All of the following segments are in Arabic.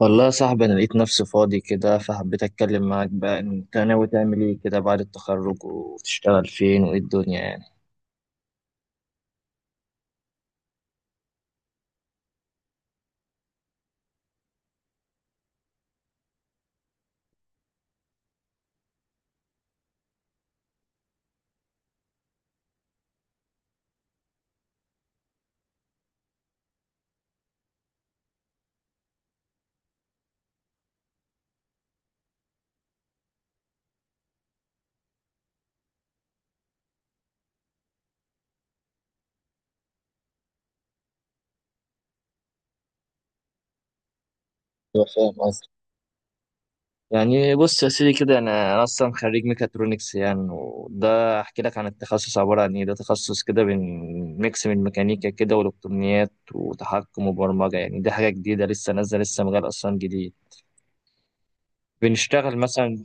والله يا صاحبي، أنا لقيت نفسي فاضي كده فحبيت أتكلم معاك. بقى أنت ناوي تعمل إيه كده بعد التخرج وتشتغل فين وإيه الدنيا يعني؟ أيوة فاهم قصدي. يعني بص يا سيدي كده، أنا أصلا خريج ميكاترونكس يعني، وده أحكي لك عن التخصص عبارة عن إيه. ده تخصص كده بين ميكس من ميكانيكا كده وإلكترونيات وتحكم وبرمجة. يعني دي حاجة جديدة لسه نازلة، لسه مجال أصلا جديد. بنشتغل مثلا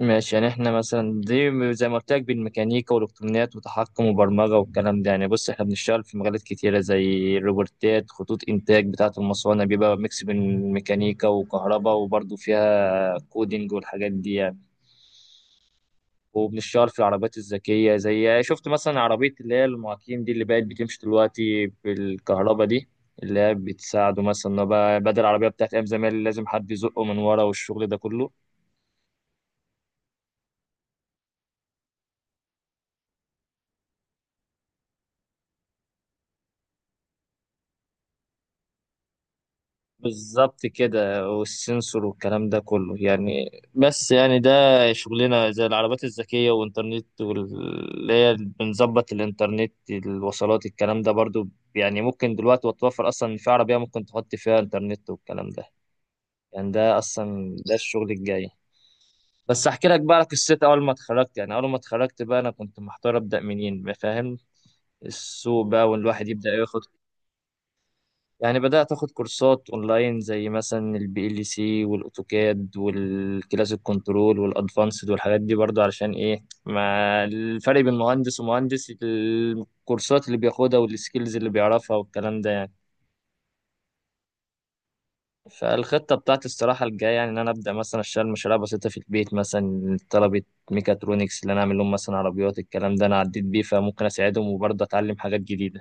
ماشي. يعني احنا مثلا دي زي ما قلت لك بالميكانيكا والالكترونيات وتحكم وبرمجه والكلام ده. يعني بص، احنا بنشتغل في مجالات كتيره زي الروبوتات، خطوط انتاج بتاعه المصانع، بيبقى ميكس بين ميكانيكا وكهرباء وبرضه فيها كودينج والحاجات دي يعني. وبنشتغل في العربيات الذكيه، زي شفت مثلا عربيه اللي هي المعاكين دي اللي بقت بتمشي دلوقتي بالكهرباء دي، اللي هي بتساعده مثلا إن هو بقى بدل العربيه بتاعت ايام زمان اللي لازم حد يزقه من ورا والشغل ده كله. بالظبط كده، والسنسور والكلام ده كله يعني. بس يعني ده شغلنا، زي العربات الذكية والإنترنت، واللي هي بنظبط الإنترنت الوصلات الكلام ده برضو. يعني ممكن دلوقتي وتوفر أصلا إن في عربية ممكن تحط فيها إنترنت والكلام ده. يعني ده أصلا ده الشغل الجاي. بس أحكي لك بقى على قصتي. أول ما اتخرجت، يعني أول ما اتخرجت بقى، أنا كنت محتار أبدأ منين فاهم. السوق بقى والواحد يبدأ ياخد. يعني بدأت أخد كورسات أونلاين زي مثلا البي ال سي والأوتوكاد والكلاسيك كنترول والأدفانسد والحاجات دي، برضو علشان إيه، ما الفرق بين مهندس ومهندس الكورسات اللي بياخدها والسكيلز اللي بيعرفها والكلام ده يعني. فالخطة بتاعتي الصراحة الجاية يعني إن أنا أبدأ مثلا أشتغل مشاريع بسيطة في البيت، مثلا طلبة ميكاترونكس اللي أنا أعمل لهم مثلا عربيات الكلام ده أنا عديت بيه فممكن أساعدهم وبرضه أتعلم حاجات جديدة.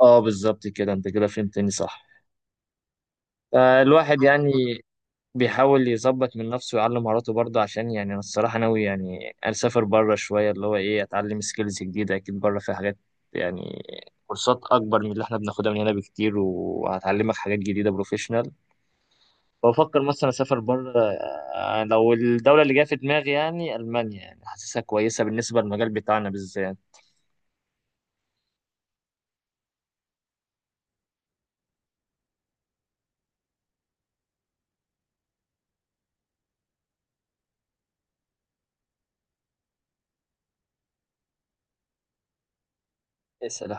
أه بالظبط كده، أنت كده فهمتني صح. فالواحد يعني بيحاول يظبط من نفسه ويعلم مهاراته برضه. عشان يعني انا الصراحه ناوي يعني اسافر بره شويه، اللي هو ايه، اتعلم سكيلز جديده. اكيد بره في حاجات يعني، كورسات اكبر من اللي احنا بناخدها من هنا بكتير، وهتعلمك حاجات جديده بروفيشنال. بفكر مثلا اسافر بره. لو الدوله اللي جايه في دماغي يعني المانيا، يعني حاسسها كويسه بالنسبه للمجال بتاعنا بالذات. اسال.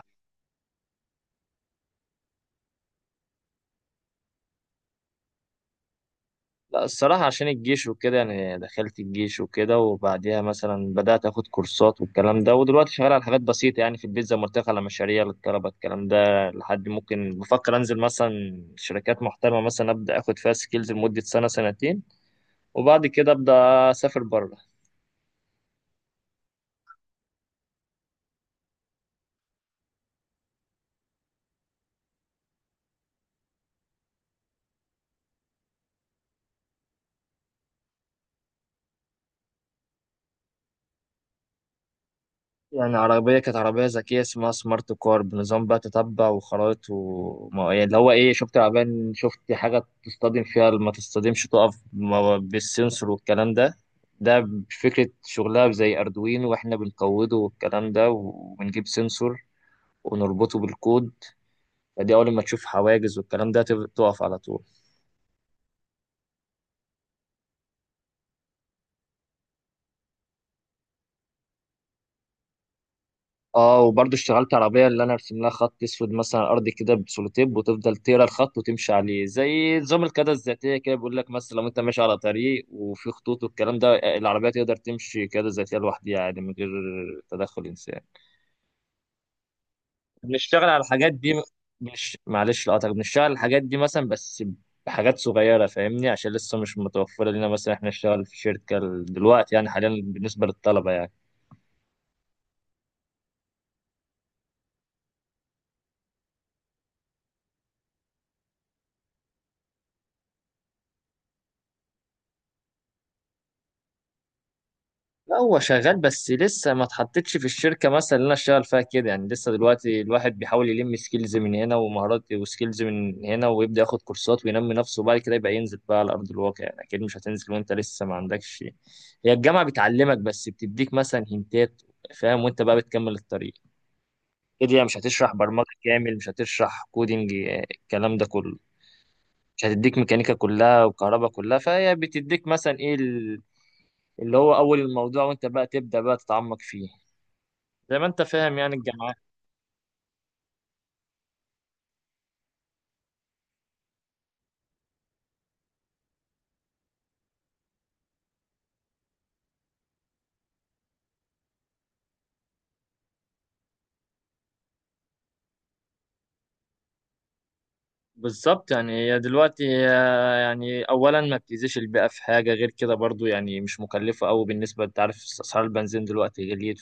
لا الصراحة عشان الجيش وكده، يعني دخلت الجيش وكده وبعديها مثلا بدأت أخد كورسات والكلام ده، ودلوقتي شغال على حاجات بسيطة يعني في البيت زي ما قلت لك على مشاريع للطلبة الكلام ده، لحد ممكن بفكر أنزل مثلا شركات محترمة، مثلا أبدأ أخد فيها سكيلز لمدة سنة سنتين، وبعد كده أبدأ أسافر بره. يعني عربية كانت عربية ذكية اسمها سمارت كار بنظام بقى تتبع وخرائط و يعني اللي هو ايه، شفت العربية إن شفت حاجة تصطدم فيها ما تصطدمش، تقف بالسنسور والكلام ده. ده فكرة شغلها زي أردوينو واحنا بنقوده والكلام ده، وبنجيب سنسور ونربطه بالكود. فدي أول ما تشوف حواجز والكلام ده تقف على طول. اه وبرضه اشتغلت عربية اللي انا ارسم لها خط اسود مثلا على الارض كده بسولوتيب، وتفضل تقرا الخط وتمشي عليه. زي نظام القيادة الذاتية كده، بيقول لك مثلا لو انت ماشي على طريق وفي خطوط والكلام ده، العربية تقدر تمشي قيادة ذاتية لوحدها يعني من غير تدخل انسان. بنشتغل على الحاجات دي. مش معلش لقطك، بنشتغل على الحاجات دي مثلا، بس بحاجات صغيرة فاهمني عشان لسه مش متوفرة لنا مثلا احنا نشتغل في شركة دلوقتي، يعني حاليا بالنسبة للطلبة يعني. لا هو شغال، بس لسه ما اتحطتش في الشركه مثلا اللي انا اشتغل فيها كده يعني. لسه دلوقتي الواحد بيحاول يلم سكيلز من هنا ومهارات وسكيلز من هنا، ويبدا ياخد كورسات وينمي نفسه، وبعد كده يبقى ينزل بقى على ارض الواقع. يعني اكيد مش هتنزل وانت لسه ما عندكش. هي الجامعه بتعلمك، بس بتديك مثلا هنتات فاهم، وانت بقى بتكمل الطريق كده. هي مش هتشرح برمجه كامل، مش هتشرح كودينج الكلام ده كله، مش هتديك ميكانيكا كلها وكهرباء كلها. فهي بتديك مثلا ايه اللي هو اول الموضوع، وانت بقى تبدا بقى تتعمق فيه. زي ما انت فاهم يعني الجامعات. بالظبط. يعني هي دلوقتي يعني اولا ما بتأذيش البيئه في حاجه غير كده، برضو يعني مش مكلفه قوي. بالنسبه انت عارف اسعار البنزين دلوقتي غليت،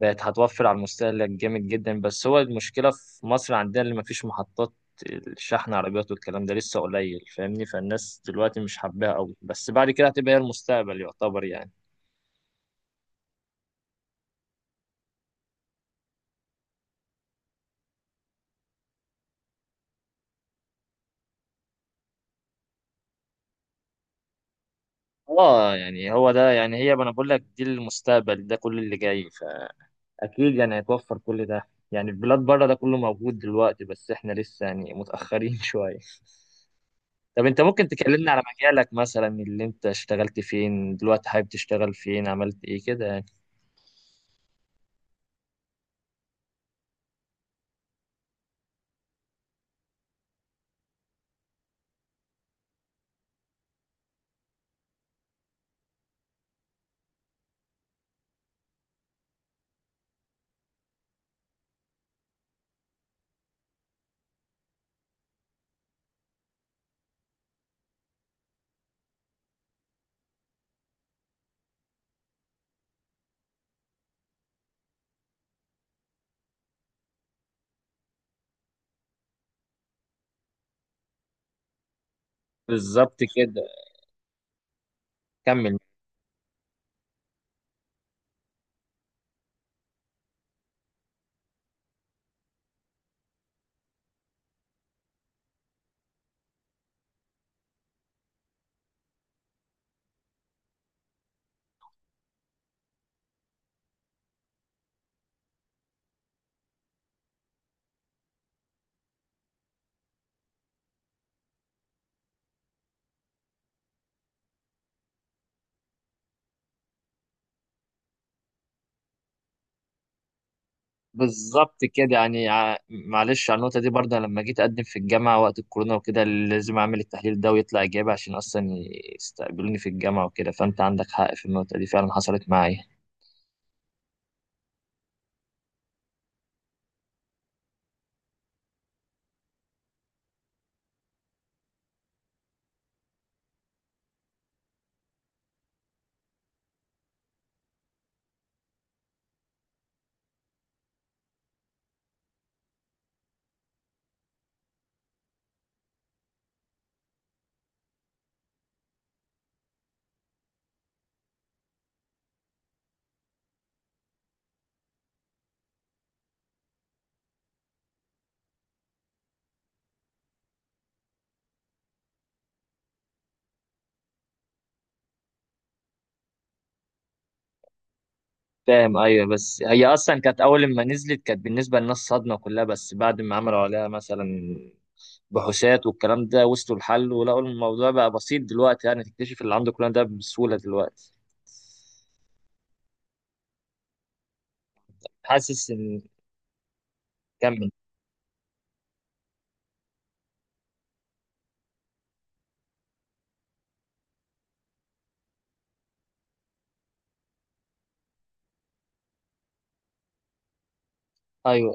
فبقت هتوفر على المستهلك جامد جدا. بس هو المشكله في مصر عندنا اللي ما فيش محطات الشحن، عربيات والكلام ده لسه قليل فاهمني. فالناس دلوقتي مش حباها قوي، بس بعد كده هتبقى هي المستقبل يعتبر يعني. اه يعني هو ده، يعني هي ما انا بقول لك دي المستقبل، ده كل اللي جاي اكيد يعني. هيتوفر كل ده يعني، البلاد بره ده كله موجود دلوقتي، بس احنا لسه يعني متأخرين شوية. طب انت ممكن تكلمنا على مجالك مثلا، اللي انت اشتغلت فين، دلوقتي حابب تشتغل فين، عملت ايه كده يعني؟ بالظبط كده. كمل. بالظبط كده. يعني معلش على النقطة دي برضه، لما جيت أقدم في الجامعة وقت الكورونا وكده لازم أعمل التحليل ده ويطلع إيجابي عشان أصلا يستقبلوني في الجامعة وكده. فأنت عندك حق في النقطة دي فعلا، حصلت معايا. فاهم، ايوه. بس هي اصلا كانت اول ما نزلت كانت بالنسبه للناس صدمه كلها، بس بعد ما عملوا عليها مثلا بحوثات والكلام ده، وصلوا لحل ولقوا الموضوع بقى بسيط دلوقتي. يعني تكتشف اللي عنده كل ده بسهوله دلوقتي. حاسس ان. كمل. ايوه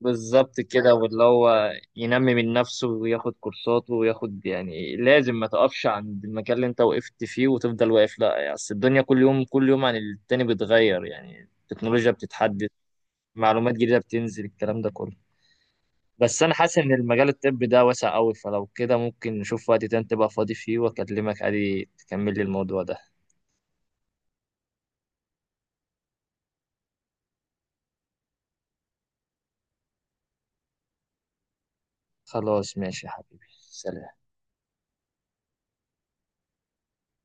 بالظبط كده، واللي هو ينمي من نفسه وياخد كورساته وياخد. يعني لازم ما تقفش عند المكان اللي انت وقفت فيه وتفضل واقف، لا. يعني اصل الدنيا كل يوم كل يوم عن التاني بتغير. يعني التكنولوجيا بتتحدث، معلومات جديدة بتنزل، الكلام ده كله. بس انا حاسس ان المجال الطبي ده واسع قوي، فلو كده ممكن نشوف وقت تاني تبقى فاضي فيه واكلمك عادي تكمل لي الموضوع ده. خلاص ماشي يا حبيبي، سلام.